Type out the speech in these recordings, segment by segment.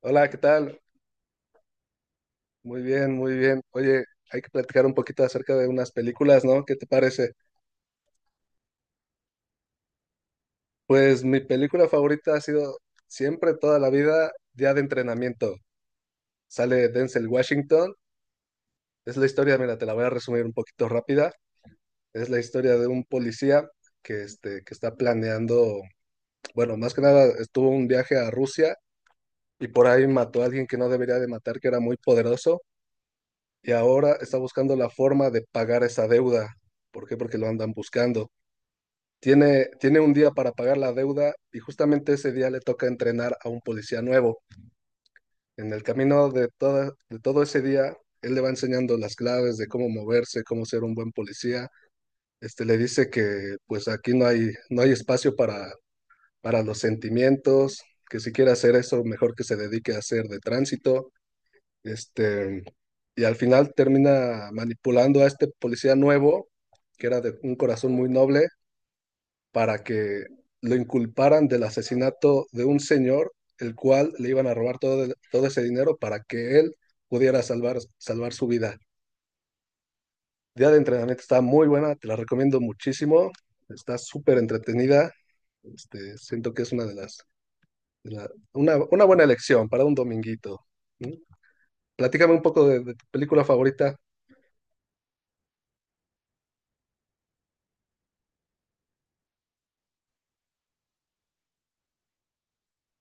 Hola, ¿qué tal? Muy bien, muy bien. Oye, hay que platicar un poquito acerca de unas películas, ¿no? ¿Qué te parece? Pues mi película favorita ha sido siempre, toda la vida, Día de Entrenamiento. Sale Denzel Washington. Es la historia, mira, te la voy a resumir un poquito rápida. Es la historia de un policía que, que está planeando, bueno, más que nada estuvo un viaje a Rusia y por ahí mató a alguien que no debería de matar, que era muy poderoso, y ahora está buscando la forma de pagar esa deuda. ¿Por qué? Porque lo andan buscando. Tiene un día para pagar la deuda y justamente ese día le toca entrenar a un policía nuevo. En el camino de, toda, de todo ese día, él le va enseñando las claves de cómo moverse, cómo ser un buen policía. Este le dice que pues aquí no hay espacio para los sentimientos, que si quiere hacer eso, mejor que se dedique a hacer de tránsito. Este, y al final termina manipulando a este policía nuevo, que era de un corazón muy noble, para que lo inculparan del asesinato de un señor, el cual le iban a robar todo, el- todo ese dinero para que él pudiera salvar, salvar su vida. Día de entrenamiento está muy buena, te la recomiendo muchísimo, está súper entretenida, siento que es una de las, de la- una buena elección para un dominguito. Platícame un poco de tu película favorita.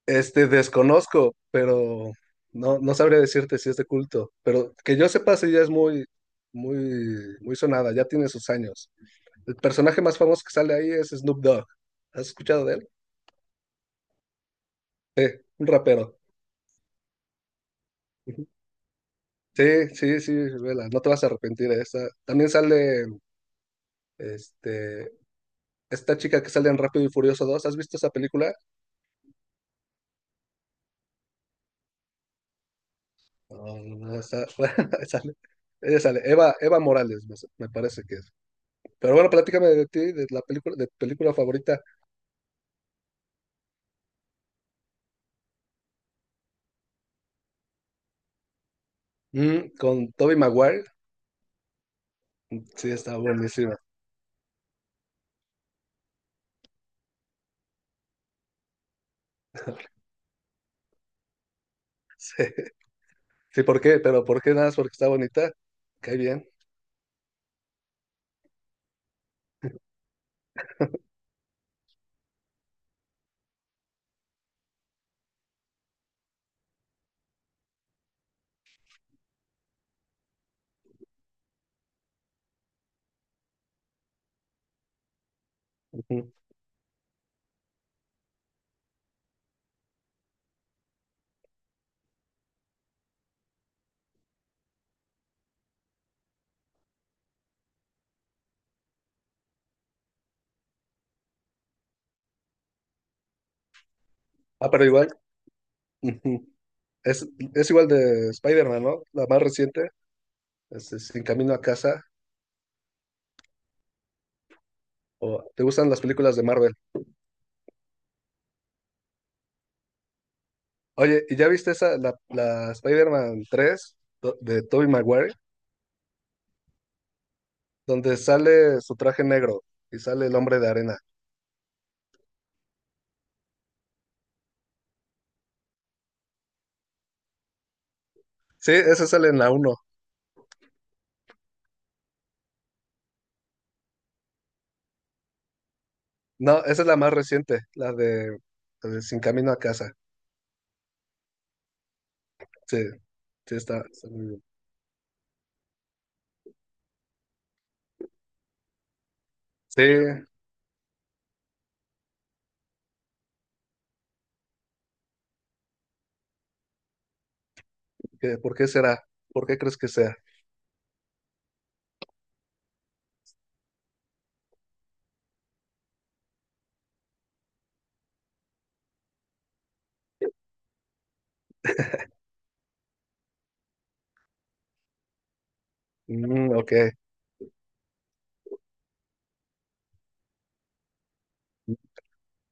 Desconozco, pero no sabría decirte si es de culto. Pero que yo sepa, sí ya es muy, muy, muy sonada, ya tiene sus años. El personaje más famoso que sale ahí es Snoop Dogg. ¿Has escuchado de él? Un rapero. Ujú. Sí, sí, sí, vela, no te vas a arrepentir de esa. También sale, este, esta chica que sale en Rápido y Furioso 2. ¿Has visto esa película? No, no, no, esa- sale. Ella sale, Eva, Eva Morales, me parece que es. Pero bueno, platícame de ti, de la película, de tu película favorita. Mm, con Tobey Maguire, sí, está buenísima. Sí. Sí, ¿por qué? Pero ¿por qué? Nada más porque está bonita. Cae bien. Ujú. Ah, pero igual. Ujú. Es, es igual de Spider-Man, ¿no? La más reciente, Sin Camino a Casa. ¿O te gustan las películas de Marvel? Oye, ¿y ya viste esa, la, la Spider-Man 3 do- de Tobey Maguire? Donde sale su traje negro y sale el hombre de arena. Sí, esa sale en la uno. No, esa es la más reciente, la de Sin Camino a Casa. Sí, sí, está. Sí, ¿qué- ¿por qué será? ¿Por qué crees que sea? Mm, ok.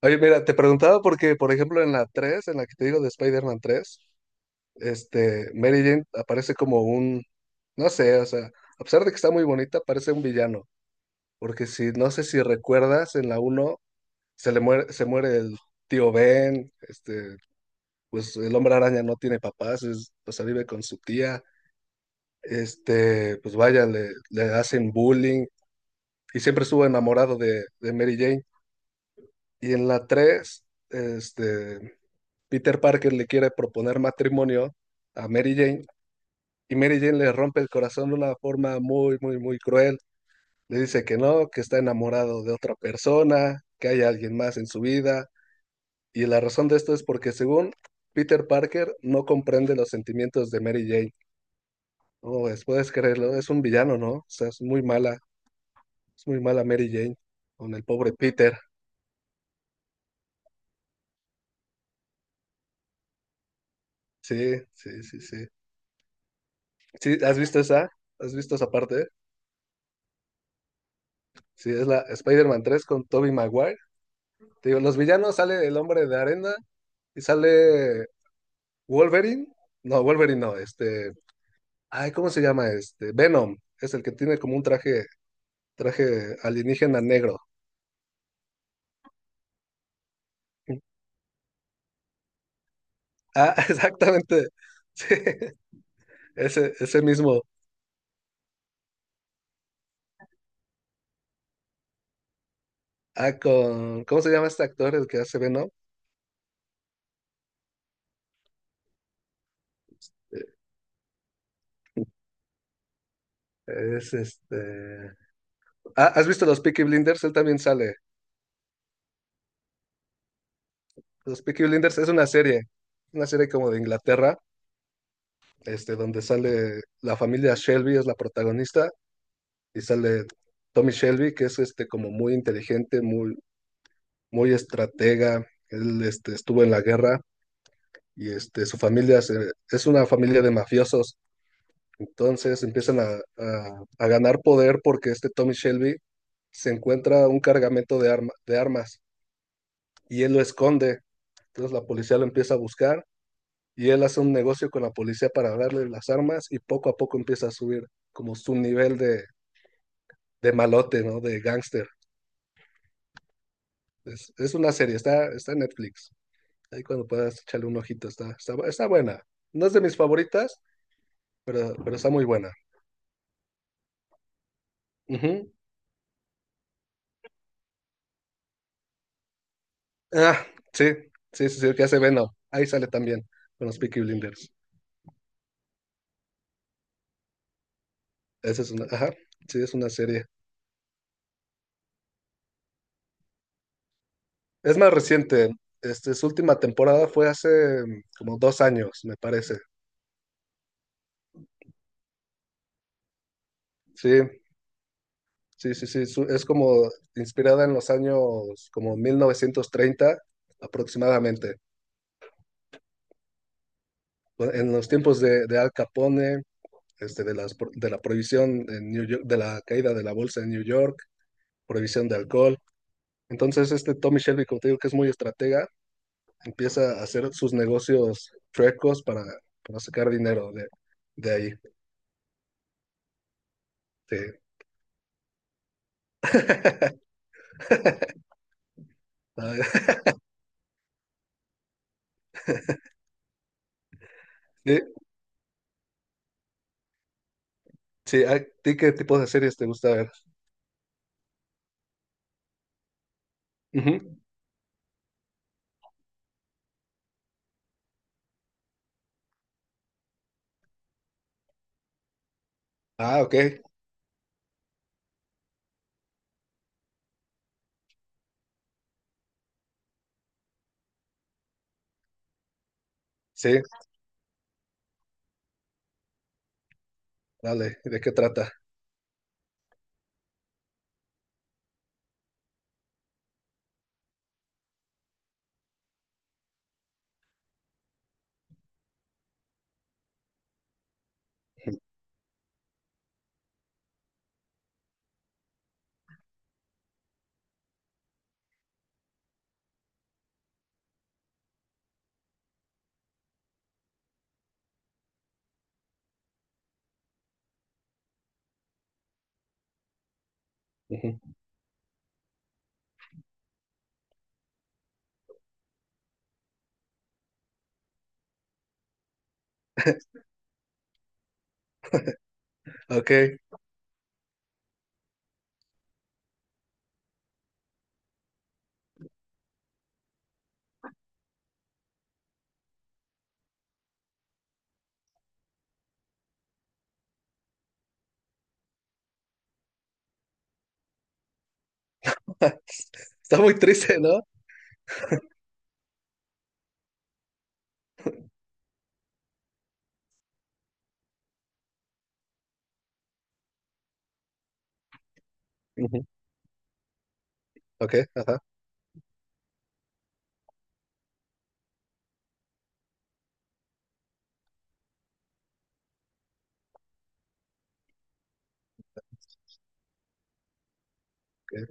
Oye, mira, te preguntaba porque, por ejemplo, en la 3, en la que te digo de Spider-Man 3, Mary Jane aparece como un, no sé, o sea, a pesar de que está muy bonita, parece un villano. Porque si, no sé si recuerdas, en la uno se le muere, se muere el tío Ben, pues el hombre araña no tiene papás, es- pues ahí vive con su tía, pues vaya, le hacen bullying y siempre estuvo enamorado de Mary Jane. Y en la 3 Peter Parker le quiere proponer matrimonio a Mary Jane y Mary Jane le rompe el corazón de una forma muy, muy, muy cruel. Le dice que no, que está enamorado de otra persona, que hay alguien más en su vida. Y la razón de esto es porque según Peter Parker no comprende los sentimientos de Mary Jane. No, pues, puedes creerlo, es un villano, ¿no? O sea, es muy mala Mary Jane con el pobre Peter. Sí, sí, sí, sí. ¿Sí? ¿Has visto esa? ¿Has visto esa parte? Sí, es la Spider-Man 3 con Tobey Maguire. Te digo, los villanos sale el hombre de arena y sale Wolverine. No, Wolverine no, este. Ay, ¿cómo se llama este? Venom. Es el que tiene como un traje, traje alienígena negro. Ah, exactamente. Sí, ese mismo. Ah, con. ¿Cómo se llama este actor, el que hace Venom? Es este. Ah, ¿has visto los Peaky Blinders? Él también sale. Los Peaky Blinders es una serie. Una serie como de Inglaterra donde sale la familia Shelby, es la protagonista, y sale Tommy Shelby, que es este como muy inteligente, muy, muy estratega. Él estuvo en la guerra y su familia se- es una familia de mafiosos. Entonces empiezan a ganar poder porque este Tommy Shelby se encuentra un cargamento de, arma- de armas y él lo esconde. Entonces la policía lo empieza a buscar y él hace un negocio con la policía para darle las armas y poco a poco empieza a subir como su nivel de malote, ¿no? De gángster. Es una serie, está en Netflix. Ahí cuando puedas echarle un ojito, está, está, está buena. No es de mis favoritas, pero está muy buena. Ujú. Ah, sí, sí, sí, sí, el que hace Venom. Ahí sale también con los Peaky Blinders. Esa es una, ajá, sí, es una serie. Es más reciente. Su última temporada fue hace como dos años, me parece. Sí, sí, sí, sí. Su- es como inspirada en los años como 1930 aproximadamente. Pues, en los tiempos de Al Capone, de las, pro- de la prohibición en New York, de la caída de la bolsa en New York, prohibición de alcohol. Entonces, este Tommy Shelby, como te digo, que es muy estratega, empieza a hacer sus negocios chuecos para sacar dinero de ahí. Sí. Ah, sí, sí, ¿a ti qué tipo de series te gusta ver? Ujú. Ah, ok, sí, dale, ¿de qué trata? Ujú. Ok, está muy triste, ¿no? Ujú. Ok, ajá. Ok.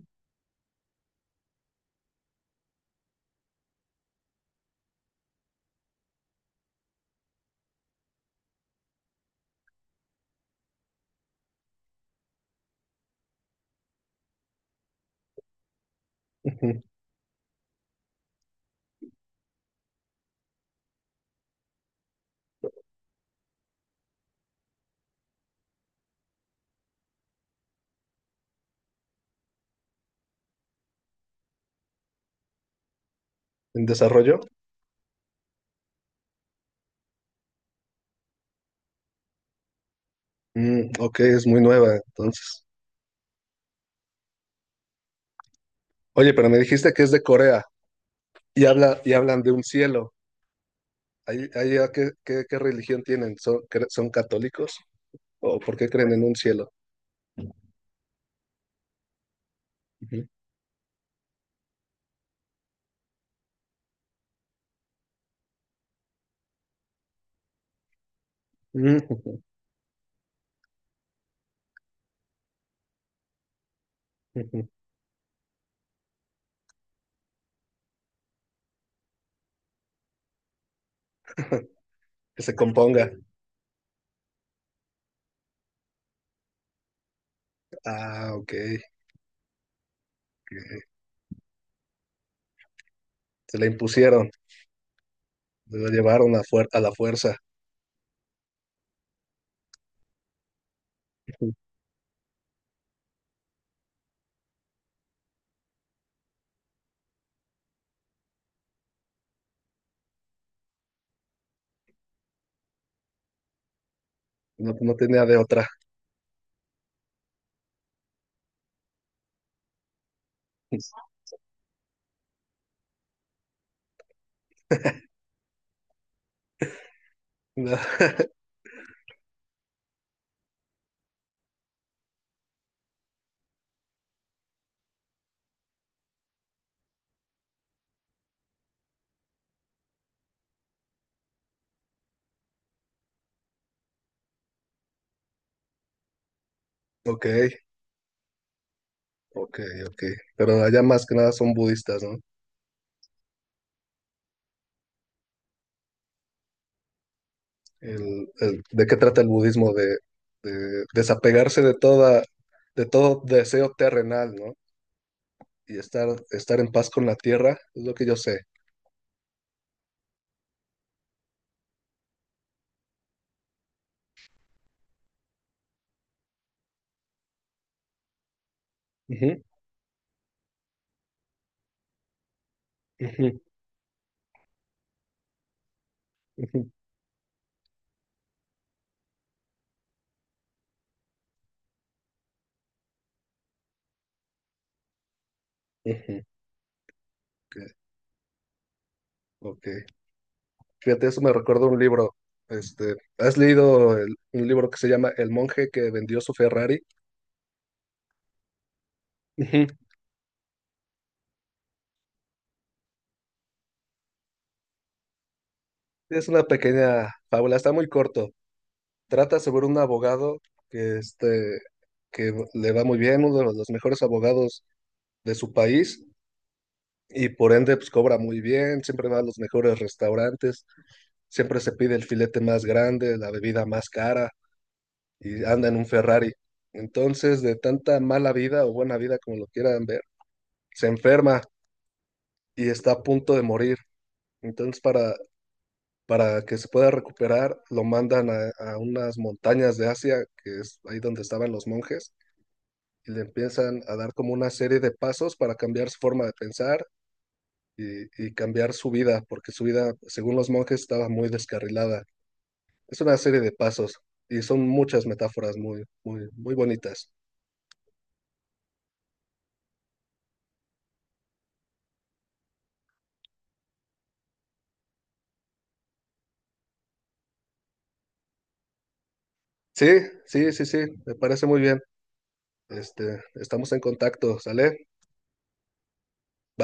En desarrollo. Mm, ok, es muy nueva, entonces. Oye, pero me dijiste que es de Corea y habla y hablan de un cielo. ¿Ahí, ahí a qué, qué- qué religión tienen? ¿Son, cre- son católicos? ¿O por qué creen en un cielo? Ujú. Mm, que se componga. Ah, ok. Se la impusieron, se la llevaron a, fuer- a la fuerza. Ujú. No, no tenía de otra. No. Ok, ok, ok. Pero allá más que nada son budistas, ¿no? El- el- de qué trata el budismo, de desapegarse de toda, de todo deseo terrenal, ¿no? Y estar, estar en paz con la tierra, es lo que yo sé. Ujú, ujú, ujú, ujú. Ok, ok. Fíjate, eso me recuerda un libro. ¿Has leído el- un libro que se llama El monje que vendió su Ferrari? Ujú. Es una pequeña fábula, está muy corto. Trata sobre un abogado que, que le va muy bien, uno de los mejores abogados de su país, y por ende pues cobra muy bien, siempre va a los mejores restaurantes, siempre se pide el filete más grande, la bebida más cara y anda en un Ferrari. Entonces, de tanta mala vida o buena vida como lo quieran ver, se enferma y está a punto de morir. Entonces, para que se pueda recuperar, lo mandan a unas montañas de Asia, que es ahí donde estaban los monjes, y le empiezan a dar como una serie de pasos para cambiar su forma de pensar y cambiar su vida, porque su vida, según los monjes, estaba muy descarrilada. Es una serie de pasos y son muchas metáforas muy, muy, muy bonitas. Sí, sí, sí, sí, me parece muy bien. Estamos en contacto, ¿sale? Va.